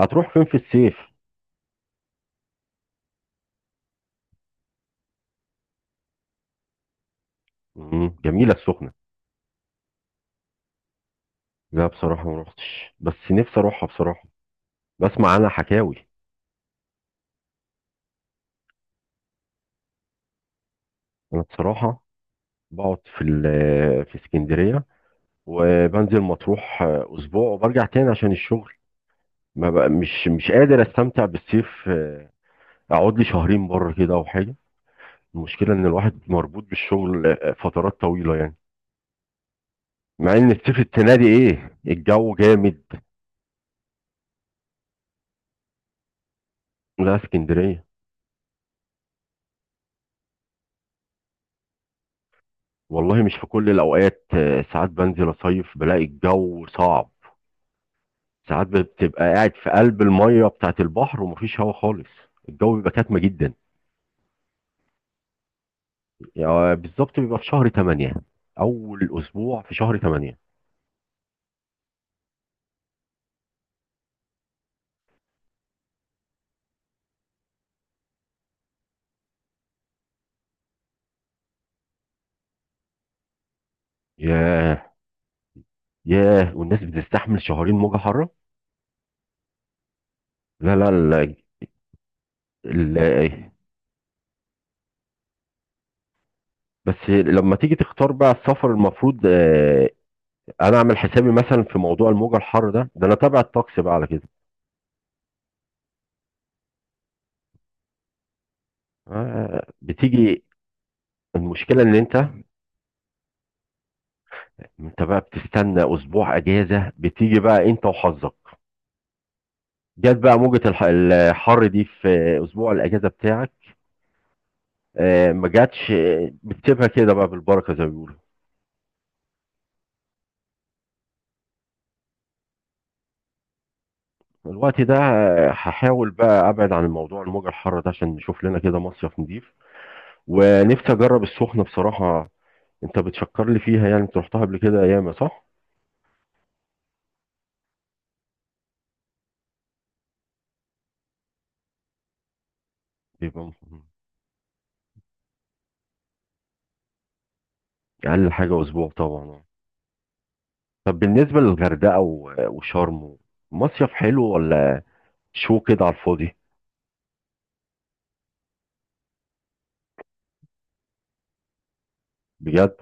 هتروح فين في الصيف؟ مم. جميله السخنه. لا، بصراحه ما روحتش، بس نفسي اروحها بصراحه. بسمع عنها حكاوي. انا بصراحه، بقعد في اسكندريه. وبنزل مطروح، اسبوع وبرجع تاني عشان الشغل. ما بقى مش قادر استمتع بالصيف، اقعد لي شهرين بره كده او حاجه. المشكله ان الواحد مربوط بالشغل، فترات طويله يعني. مع ان الصيف السنه دي ايه الجو جامد. لا، اسكندريه. والله مش في كل الأوقات، ساعات بنزل أصيف بلاقي الجو صعب. ساعات بتبقى قاعد في قلب المية بتاعة البحر ومفيش هوا خالص. الجو بيبقى كاتمة جدا. يعني بالظبط بيبقى في شهر 8، أول أسبوع في شهر 8. ياه. ياه، والناس بتستحمل شهرين موجة حارة؟ لا، لا. ال... بس لما تيجي تختار بقى السفر المفروض، أنا أعمل حسابي مثلا في موضوع الموجة الحارة ده أنا تابع الطقس بقى على كده. بتيجي. المشكلة إن أنت، انت بقى بتستنى اسبوع اجازه بتيجي بقى انت وحظك. جت بقى موجه الحر دي في اسبوع الاجازه بتاعك. ما جاتش، بتسيبها كده بقى بالبركه زي ما بيقولوا. الوقت ده، هحاول بقى ابعد عن الموضوع الموجه الحاره ده عشان نشوف لنا كده مصيف نضيف. ونفسي اجرب السخنه بصراحه. انت بتشكر لي فيها، يعني انت رحتها قبل كده ياما، صح؟ يبقى م- اقل حاجه اسبوع طبعا. طب بالنسبه للغردقه وشرم، مصيف حلو ولا شو كده على الفاضي؟ بجد؟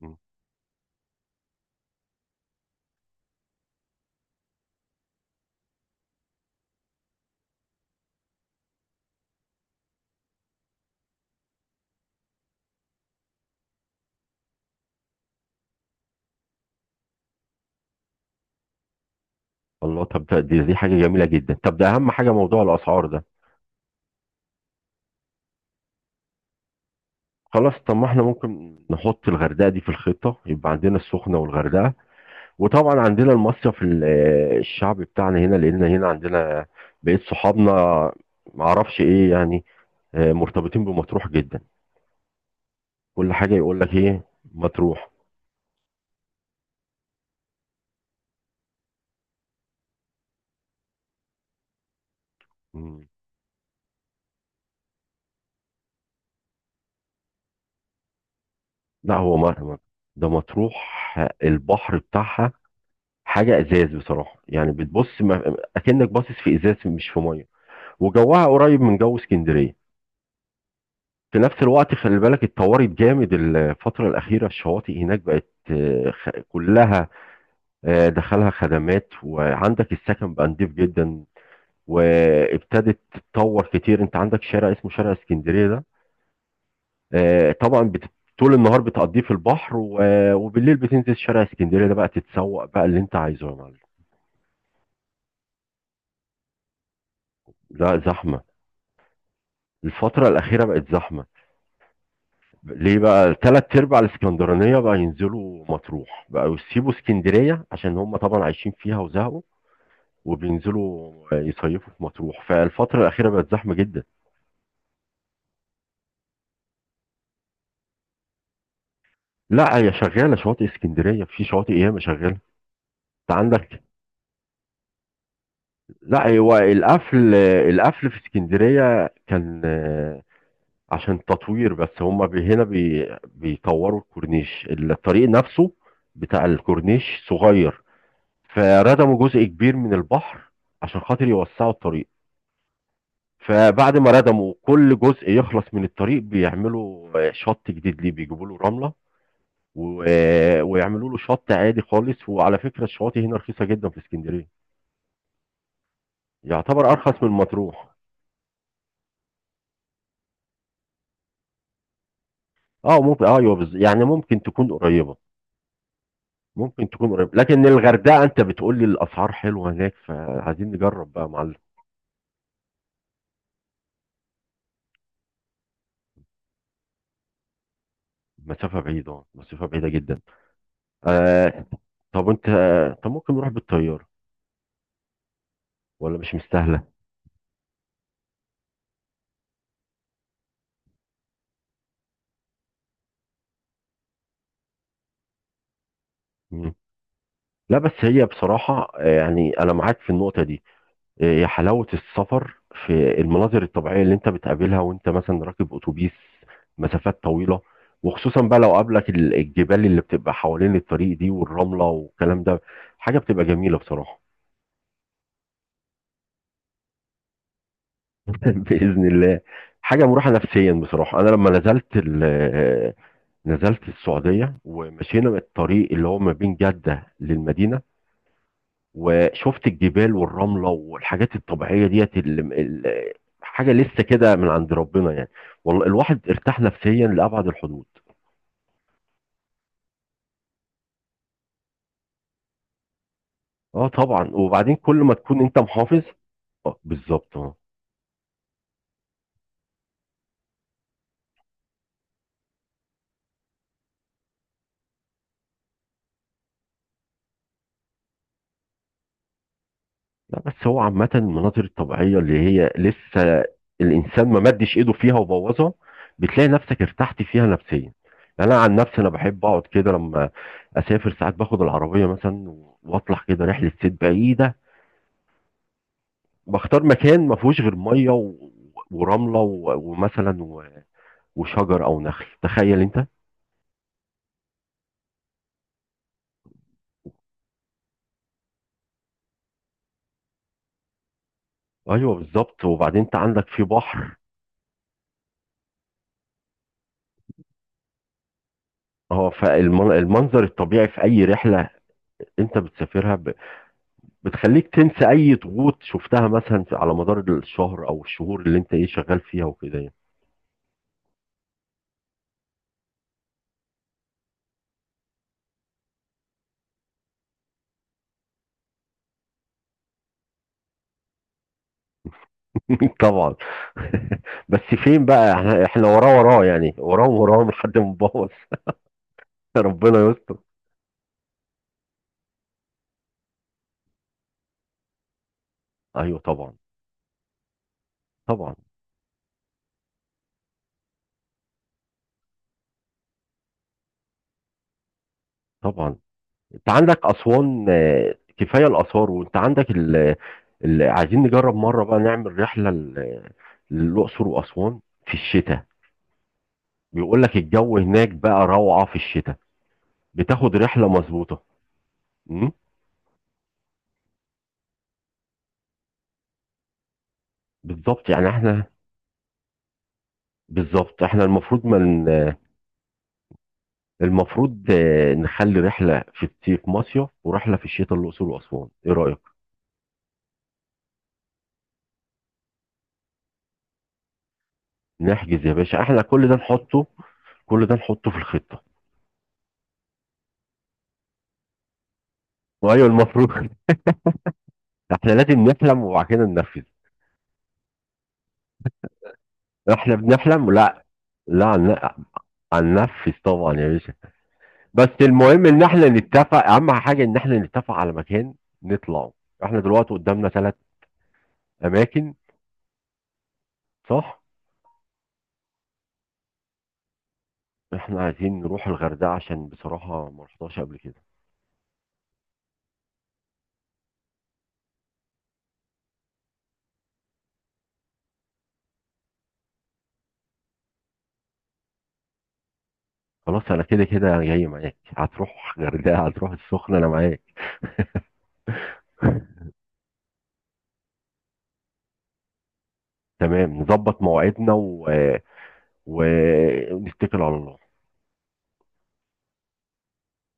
مم. الله، طب دي حاجة جميلة جدا، طب ده أهم حاجة موضوع الأسعار ده. خلاص، طب ما احنا ممكن نحط الغردقة دي في الخطة، يبقى عندنا السخنة والغردقة. وطبعا عندنا المصيف الشعب بتاعنا هنا، لأن هنا عندنا بقيت صحابنا، معرفش ايه يعني. مرتبطين بمطروح جدا، كل حاجة يقول لك ايه. مطروح. مم. لا، هو ما... ده مطروح، البحر بتاعها حاجة ازاز بصراحة، يعني بتبص، اكنك باصص في ازاز مش في مية. وجوها قريب من جو اسكندريه. في نفس الوقت خلي بالك اتطورت جامد الفترة الأخيرة، الشواطئ هناك بقت كلها، دخلها خدمات، وعندك السكن بقى نضيف جدا. وابتدت تتطور كتير، انت عندك شارع اسمه شارع اسكندرية ده، طبعا طول النهار بتقضيه في البحر وبالليل بتنزل شارع اسكندرية ده بقى تتسوق بقى اللي انت عايزه يا معلم. لا، زحمة. الفترة الأخيرة بقت زحمة، ليه بقى تلات ارباع الاسكندرانيه بقى ينزلوا مطروح، بقى يسيبوا اسكندريه عشان هم طبعا عايشين فيها وزهقوا، وبينزلوا يصيفوا في مطروح، فالفتره الاخيره بقت زحمه جدا. لا، هي شغاله، شواطئ اسكندريه في شواطئ ياما شغاله. انت عندك، لا، هو القفل في اسكندريه كان، عشان تطوير، بس هم هنا بيطوروا الكورنيش الطريق نفسه بتاع الكورنيش صغير، فردموا جزء كبير من البحر عشان خاطر يوسعوا الطريق. فبعد ما ردموا كل جزء يخلص من الطريق بيعملوا شط جديد ليه، بيجيبوا له رملة ويعملوا له شط عادي خالص. وعلى فكرة الشواطئ هنا رخيصة جدا في اسكندرية، يعتبر أرخص من مطروح. اه ممكن، ايوه، يعني ممكن تكون قريبة، ممكن تكون قريبة، لكن الغردقة انت بتقول لي الأسعار حلوة هناك، فعايزين نجرب بقى يا معلم. مسافة بعيدة، مسافة بعيدة جدا. آه، طب انت، طب ممكن نروح بالطيارة ولا مش مستاهله؟ مم. لا، بس هي بصراحه، يعني انا معاك في النقطه دي. هي حلاوه السفر في المناظر الطبيعيه اللي انت بتقابلها وانت مثلا راكب اتوبيس مسافات طويله، وخصوصا بقى لو قابلك الجبال اللي بتبقى حوالين الطريق دي والرمله والكلام ده، حاجه بتبقى جميله بصراحه. باذن الله. حاجه مروحه نفسيا بصراحه، انا لما نزلت نزلت السعوديه ومشينا الطريق اللي هو ما بين جده للمدينه، وشفت الجبال والرملة والحاجات الطبيعية ديت حاجة لسه كده من عند ربنا يعني، والله الواحد ارتاح نفسيا لأبعد الحدود. اه طبعا، وبعدين كل ما تكون انت محافظ. اه بالظبط، اه. لا، بس هو عامة المناظر الطبيعية اللي هي لسه الإنسان ما مدش إيده فيها وبوظها، بتلاقي نفسك ارتحت فيها نفسيا. يعني أنا عن نفسي أنا بحب أقعد كده لما أسافر، ساعات باخد العربية مثلا وأطلع كده رحلة صيد بعيدة. بختار مكان ما فيهوش غير ميه ورمله، ومثلا وشجر او نخل، تخيل انت. ايوه بالظبط، وبعدين انت عندك في بحر. اه، فالمنظر الطبيعي في اي رحله انت بتسافرها بتخليك تنسى اي ضغوط شفتها مثلا على مدار الشهر او الشهور اللي انت ايه شغال فيها وكده يعني. طبعا. بس فين بقى، احنا وراه وراه، يعني وراهم وراهم لحد ما نبوظ. ربنا يستر. ايوه طبعا. طبعا. طبعا. انت عندك اسوان، كفايه الاثار، وانت عندك عايزين نجرب مره بقى نعمل رحله للاقصر واسوان في الشتاء، بيقول لك الجو هناك بقى روعه في الشتاء، بتاخد رحله مظبوطه. امم. بالظبط يعني احنا، بالظبط احنا المفروض من، المفروض نخلي رحله في الصيف مصيف ورحله في الشتاء الاقصر واسوان، ايه رايك؟ نحجز يا باشا، احنا كل ده نحطه، كل ده نحطه في الخطه. وايوه المفروض. احنا لازم نحلم وبعد كده ننفذ. احنا بنحلم، لا، لا. هننفذ طبعا يا باشا. بس المهم ان احنا نتفق، اهم حاجه ان احنا نتفق على مكان نطلعه. احنا دلوقتي قدامنا ثلاث اماكن، صح؟ احنا عايزين نروح الغردقه عشان بصراحه ما رحتهاش قبل كده. خلاص، انا كده كده جاي معاك، هتروح غردقه هتروح السخنه انا معاك. تمام، نظبط مواعيدنا ونتكل على الله.